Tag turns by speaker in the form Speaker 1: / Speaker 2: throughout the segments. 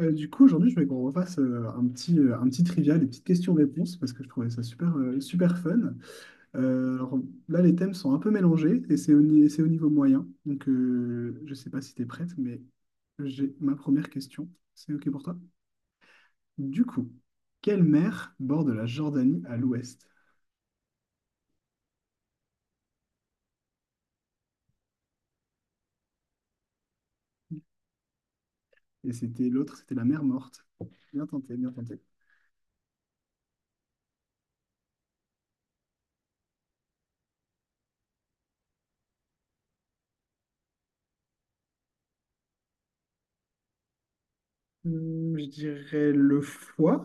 Speaker 1: Aujourd'hui, je voulais qu'on refasse un petit trivia, des petites questions-réponses, parce que je trouvais ça super, super fun. Alors là, les thèmes sont un peu mélangés et c'est au, c'est au niveau moyen. Donc, je ne sais pas si tu es prête, mais j'ai ma première question. C'est OK pour toi? Du coup, quelle mer borde la Jordanie à l'ouest? Et c'était l'autre, c'était la mer Morte. Bien tenté, bien tenté. Je dirais le foie.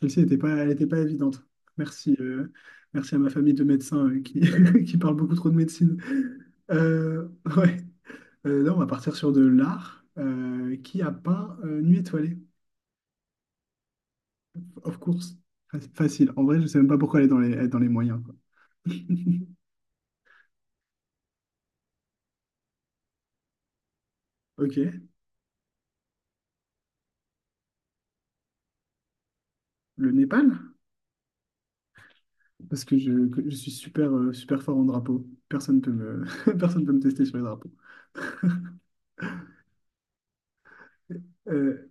Speaker 1: Celle-ci n'était pas, elle était pas évidente. Merci, merci à ma famille de médecins qui, qui parle beaucoup trop de médecine. Euh, ouais. Là, on va partir sur de l'art. Qui a peint Nuit étoilée? Of course. Facile. En vrai, je sais même pas pourquoi elle est dans les, elle est dans les moyens, quoi. Ok. Le Népal? Parce que que je suis super, super fort en drapeau. Personne peut me, personne peut me tester sur les drapeaux. Euh,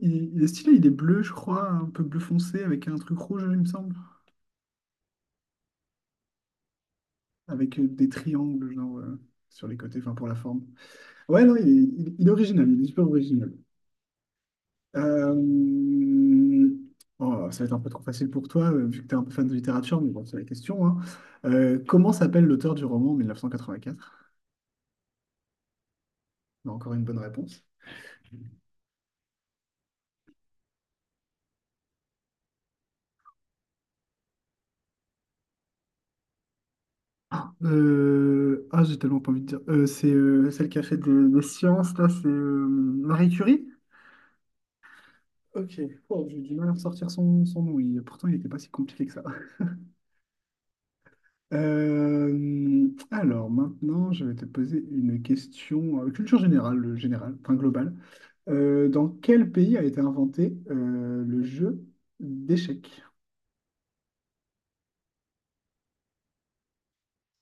Speaker 1: il est stylé, il est bleu, je crois, un peu bleu foncé avec un truc rouge, il me semble. Avec des triangles genre, sur les côtés, enfin pour la forme. Ouais, non, il est, il est original, il est super original. Euh, oh, ça va être un peu trop facile pour toi, vu que tu es un peu fan de littérature, mais bon, c'est la question, hein. Comment s'appelle l'auteur du roman 1984? Non, encore une bonne réponse. Ah, j'ai tellement pas envie de dire. C'est celle qui a fait des sciences, là, c'est Marie Curie? Ok, oh, j'ai du mal à ressortir son, son nom, pourtant il n'était pas si compliqué que ça. Alors maintenant, je vais te poser une question culture générale, générale, enfin globale. Dans quel pays a été inventé le jeu d'échecs?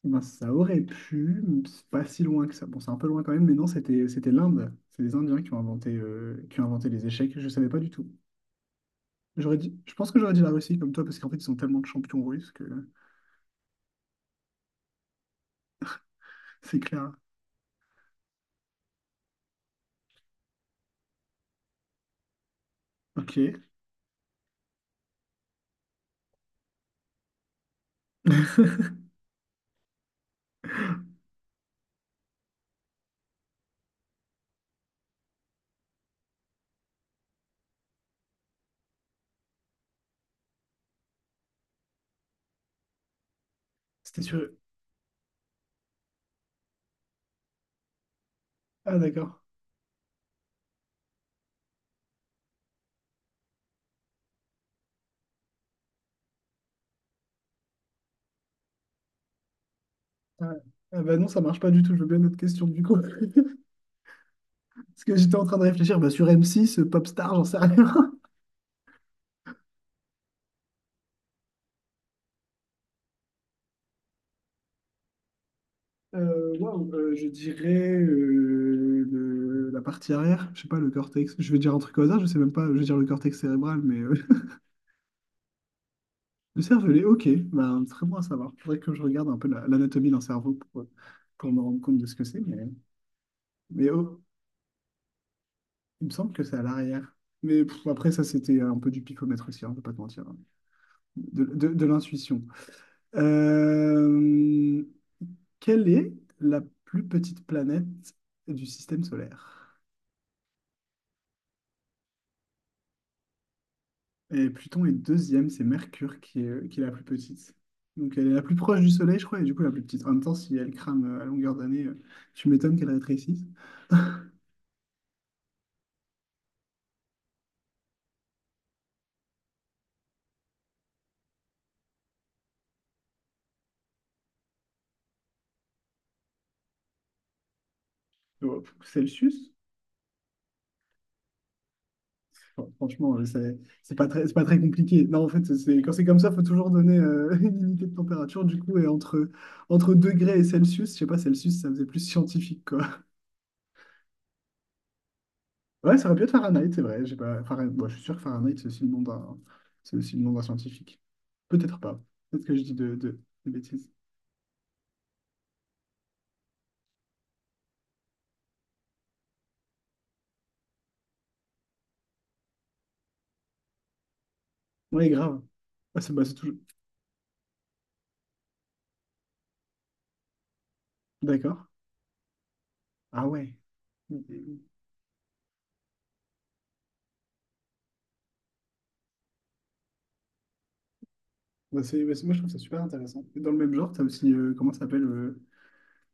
Speaker 1: Eh ben, ça aurait pu, mais c'est pas si loin que ça. Bon, c'est un peu loin quand même, mais non, c'était l'Inde. C'est les Indiens qui ont inventé les échecs. Je savais pas du tout. J'aurais dit, je pense que j'aurais dit la Russie comme toi parce qu'en fait, ils sont tellement de champions russes que c'est clair. Ok, c'était sûr. Ah d'accord. Ah, ah bah non, ça marche pas du tout. Je veux bien notre question du coup. Parce que j'étais en train de réfléchir bah, sur M6, Popstar, j'en sais rien. Waouh, je dirais la partie arrière, je sais pas, le cortex. Je vais dire un truc au hasard, je sais même pas, je vais dire le cortex cérébral, mais le cervelet, ok, bah, très bon à savoir. Faudrait que je regarde un peu l'anatomie d'un cerveau pour me rendre compte de ce que c'est, mais oh, il me semble que c'est à l'arrière. Mais pff, après, ça, c'était un peu du pifomètre aussi, hein, je vais pas te mentir, hein. De l'intuition. Euh, Quelle est la plus petite planète du système solaire? Et Pluton est deuxième, c'est Mercure qui est la plus petite. Donc elle est la plus proche du Soleil, je crois, et du coup la plus petite. En même temps, si elle crame à longueur d'année, tu m'étonnes qu'elle rétrécisse. Oh, Celsius? Bon, franchement, c'est pas très compliqué. Non, en fait, c'est, quand c'est comme ça, il faut toujours donner une unité de température. Du coup, et entre, entre degrés et Celsius, je sais pas, Celsius, ça faisait plus scientifique, quoi. Ouais, ça aurait pu être Fahrenheit, c'est vrai. J'ai pas... Fahrenheit, bon, je suis sûr que Fahrenheit, c'est aussi le nom d'un c'est aussi le nom d'un scientifique. Peut-être pas. Peut-être que je dis des bêtises. Ouais, grave. Ah, c'est bah, c'est toujours... D'accord. Ah ouais. Ok. Bah, bah, c'est, moi, je trouve ça super intéressant. Et dans le même genre, tu as aussi, comment ça s'appelle,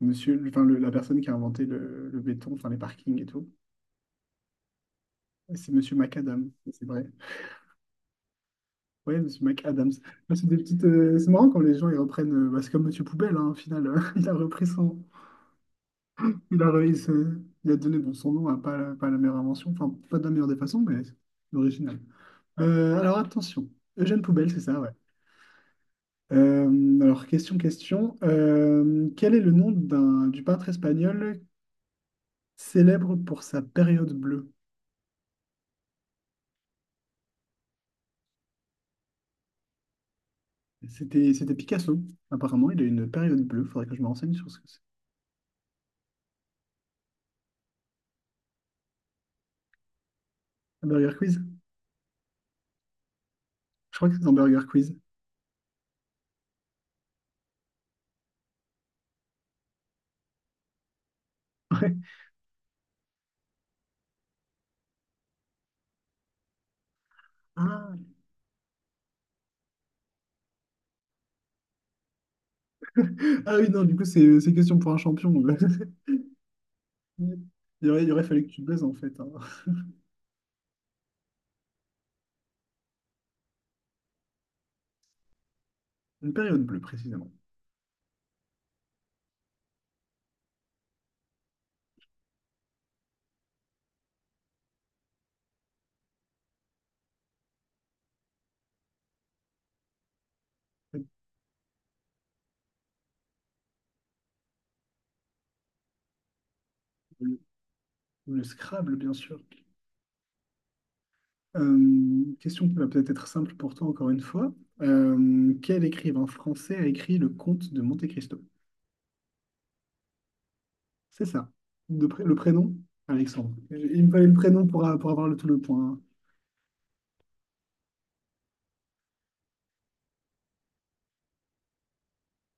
Speaker 1: monsieur, enfin, la personne qui a inventé le béton, enfin, les parkings et tout. Et c'est monsieur McAdams, c'est vrai. Ouais, monsieur McAdams. Bah, c'est des petites, c'est marrant quand les gens, ils reprennent, bah, c'est comme monsieur Poubelle, hein, au final. Il a repris son, il a il a donné bon, son nom à pas, pas la meilleure invention, enfin pas de la meilleure des façons, mais original. Alors attention, Eugène Poubelle, c'est ça, ouais. Alors question. Quel est le nom d'un, du peintre espagnol célèbre pour sa période bleue? C'était, c'était Picasso. Apparemment, il a une période bleue. Faudrait que je me renseigne sur ce que c'est. Un Burger Quiz? Je crois que c'est dans Burger Quiz. Ouais. Ah. Ah oui, non, du coup, c'est question pour un champion. Il aurait fallu que tu baises en fait. Hein. Une période bleue, précisément. Le, le Scrabble, bien sûr. Question qui va peut-être être simple pour toi, encore une fois. Quel écrivain français a écrit Le Comte de Monte-Cristo? C'est ça. Le prénom? Alexandre. Il me fallait le prénom pour, pour avoir le, tout le point. Hein.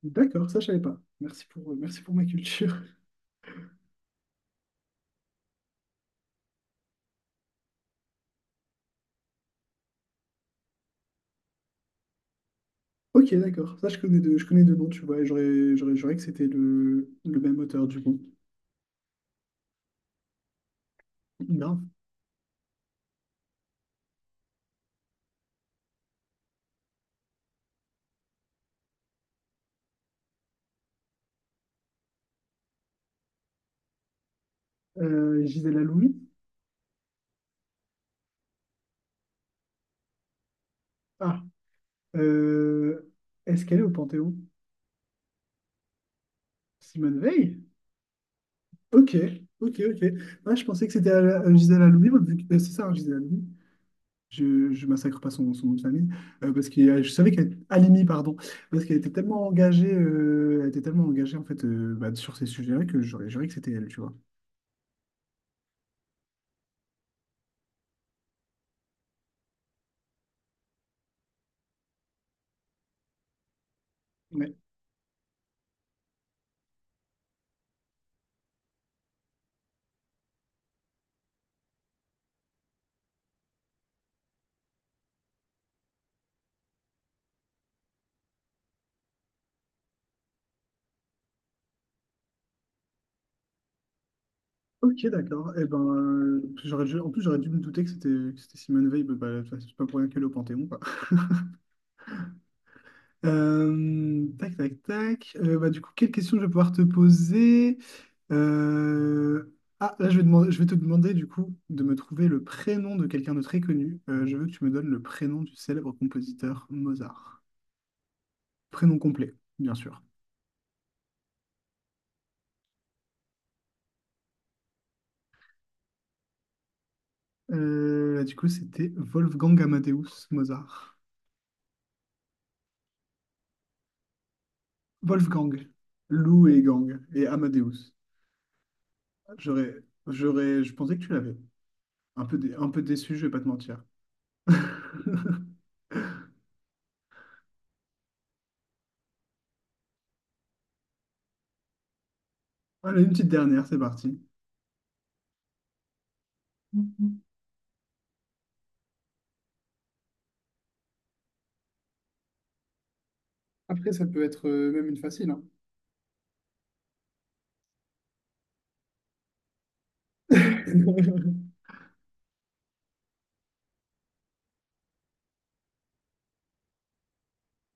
Speaker 1: D'accord, ça, je savais pas. Merci pour ma culture. Ok, d'accord. Ça, je connais deux noms, tu vois, et j'aurais, j'aurais juré que c'était le même auteur, du coup. Grave. Gisèle Aloumi? Ah. Euh, est-ce qu'elle est au Panthéon? Simone Veil? Ok, ok, ok. Moi, je pensais que c'était à à Gisèle Halimi, c'est ça, hein, Gisèle Halimi. Je massacre pas son, son nom de famille, parce que je savais qu'elle Halimi, pardon, parce qu'elle était tellement engagée, elle était tellement engagée en fait bah, sur ces sujets-là que j'aurais juré que c'était elle, tu vois. Ouais. Ok, d'accord. Eh ben, en plus, j'aurais dû me douter que c'était Simone Veil, bah, bah, c'est pas pour rien qu'elle est au Panthéon, quoi. Tac, tac, tac. Bah, du coup, quelle question je vais pouvoir te poser? Euh, Ah, là, je vais demander, je vais te demander, du coup, de me trouver le prénom de quelqu'un de très connu. Je veux que tu me donnes le prénom du célèbre compositeur Mozart. Prénom complet, bien sûr. Du coup, c'était Wolfgang Amadeus Mozart. Wolfgang, Lou et Gang, et Amadeus. J'aurais, je pensais que tu l'avais. Un peu, un peu déçu, je vais pas te mentir. Allez, une petite dernière, c'est parti. Après, ça peut être même une facile. Hein.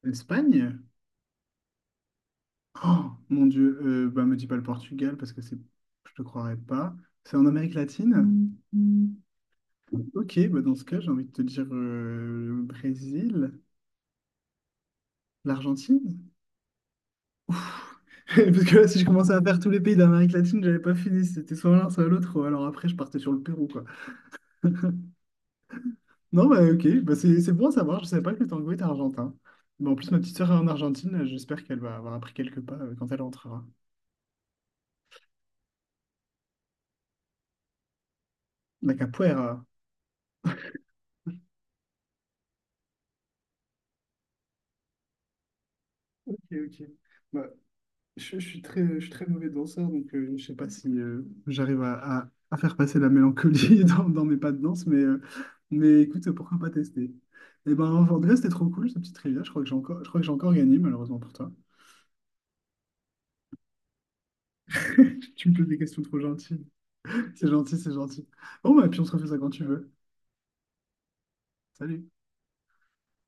Speaker 1: L'Espagne? Oh mon Dieu, bah me dis pas le Portugal parce que c'est, je te croirais pas. C'est en Amérique latine? Ok, bah dans ce cas, j'ai envie de te dire le Brésil, l'Argentine. Parce que là, si je commençais à faire tous les pays d'Amérique latine, j'avais pas fini. C'était soit l'un, soit l'autre. Alors après, je partais sur le Pérou, quoi. Non, bah ok, bah, c'est bon à savoir. Je savais pas que le tango était argentin. Mais en plus, ma petite sœur est en Argentine. J'espère qu'elle va avoir appris quelques pas quand elle rentrera. La capoeira. Ok, ok. Bah, je suis très mauvais danseur, donc je sais pas si j'arrive à, à faire passer la mélancolie dans, dans mes pas de danse, mais écoute, pourquoi pas tester? Et ben, en vrai, c'était trop cool, cette petite trivia. Je crois que j'ai encore, je crois que j'ai encore gagné, malheureusement pour toi. Tu me poses des questions trop gentilles. C'est gentil, c'est gentil. Bon, bah, puis on se refait ça quand tu veux. Salut.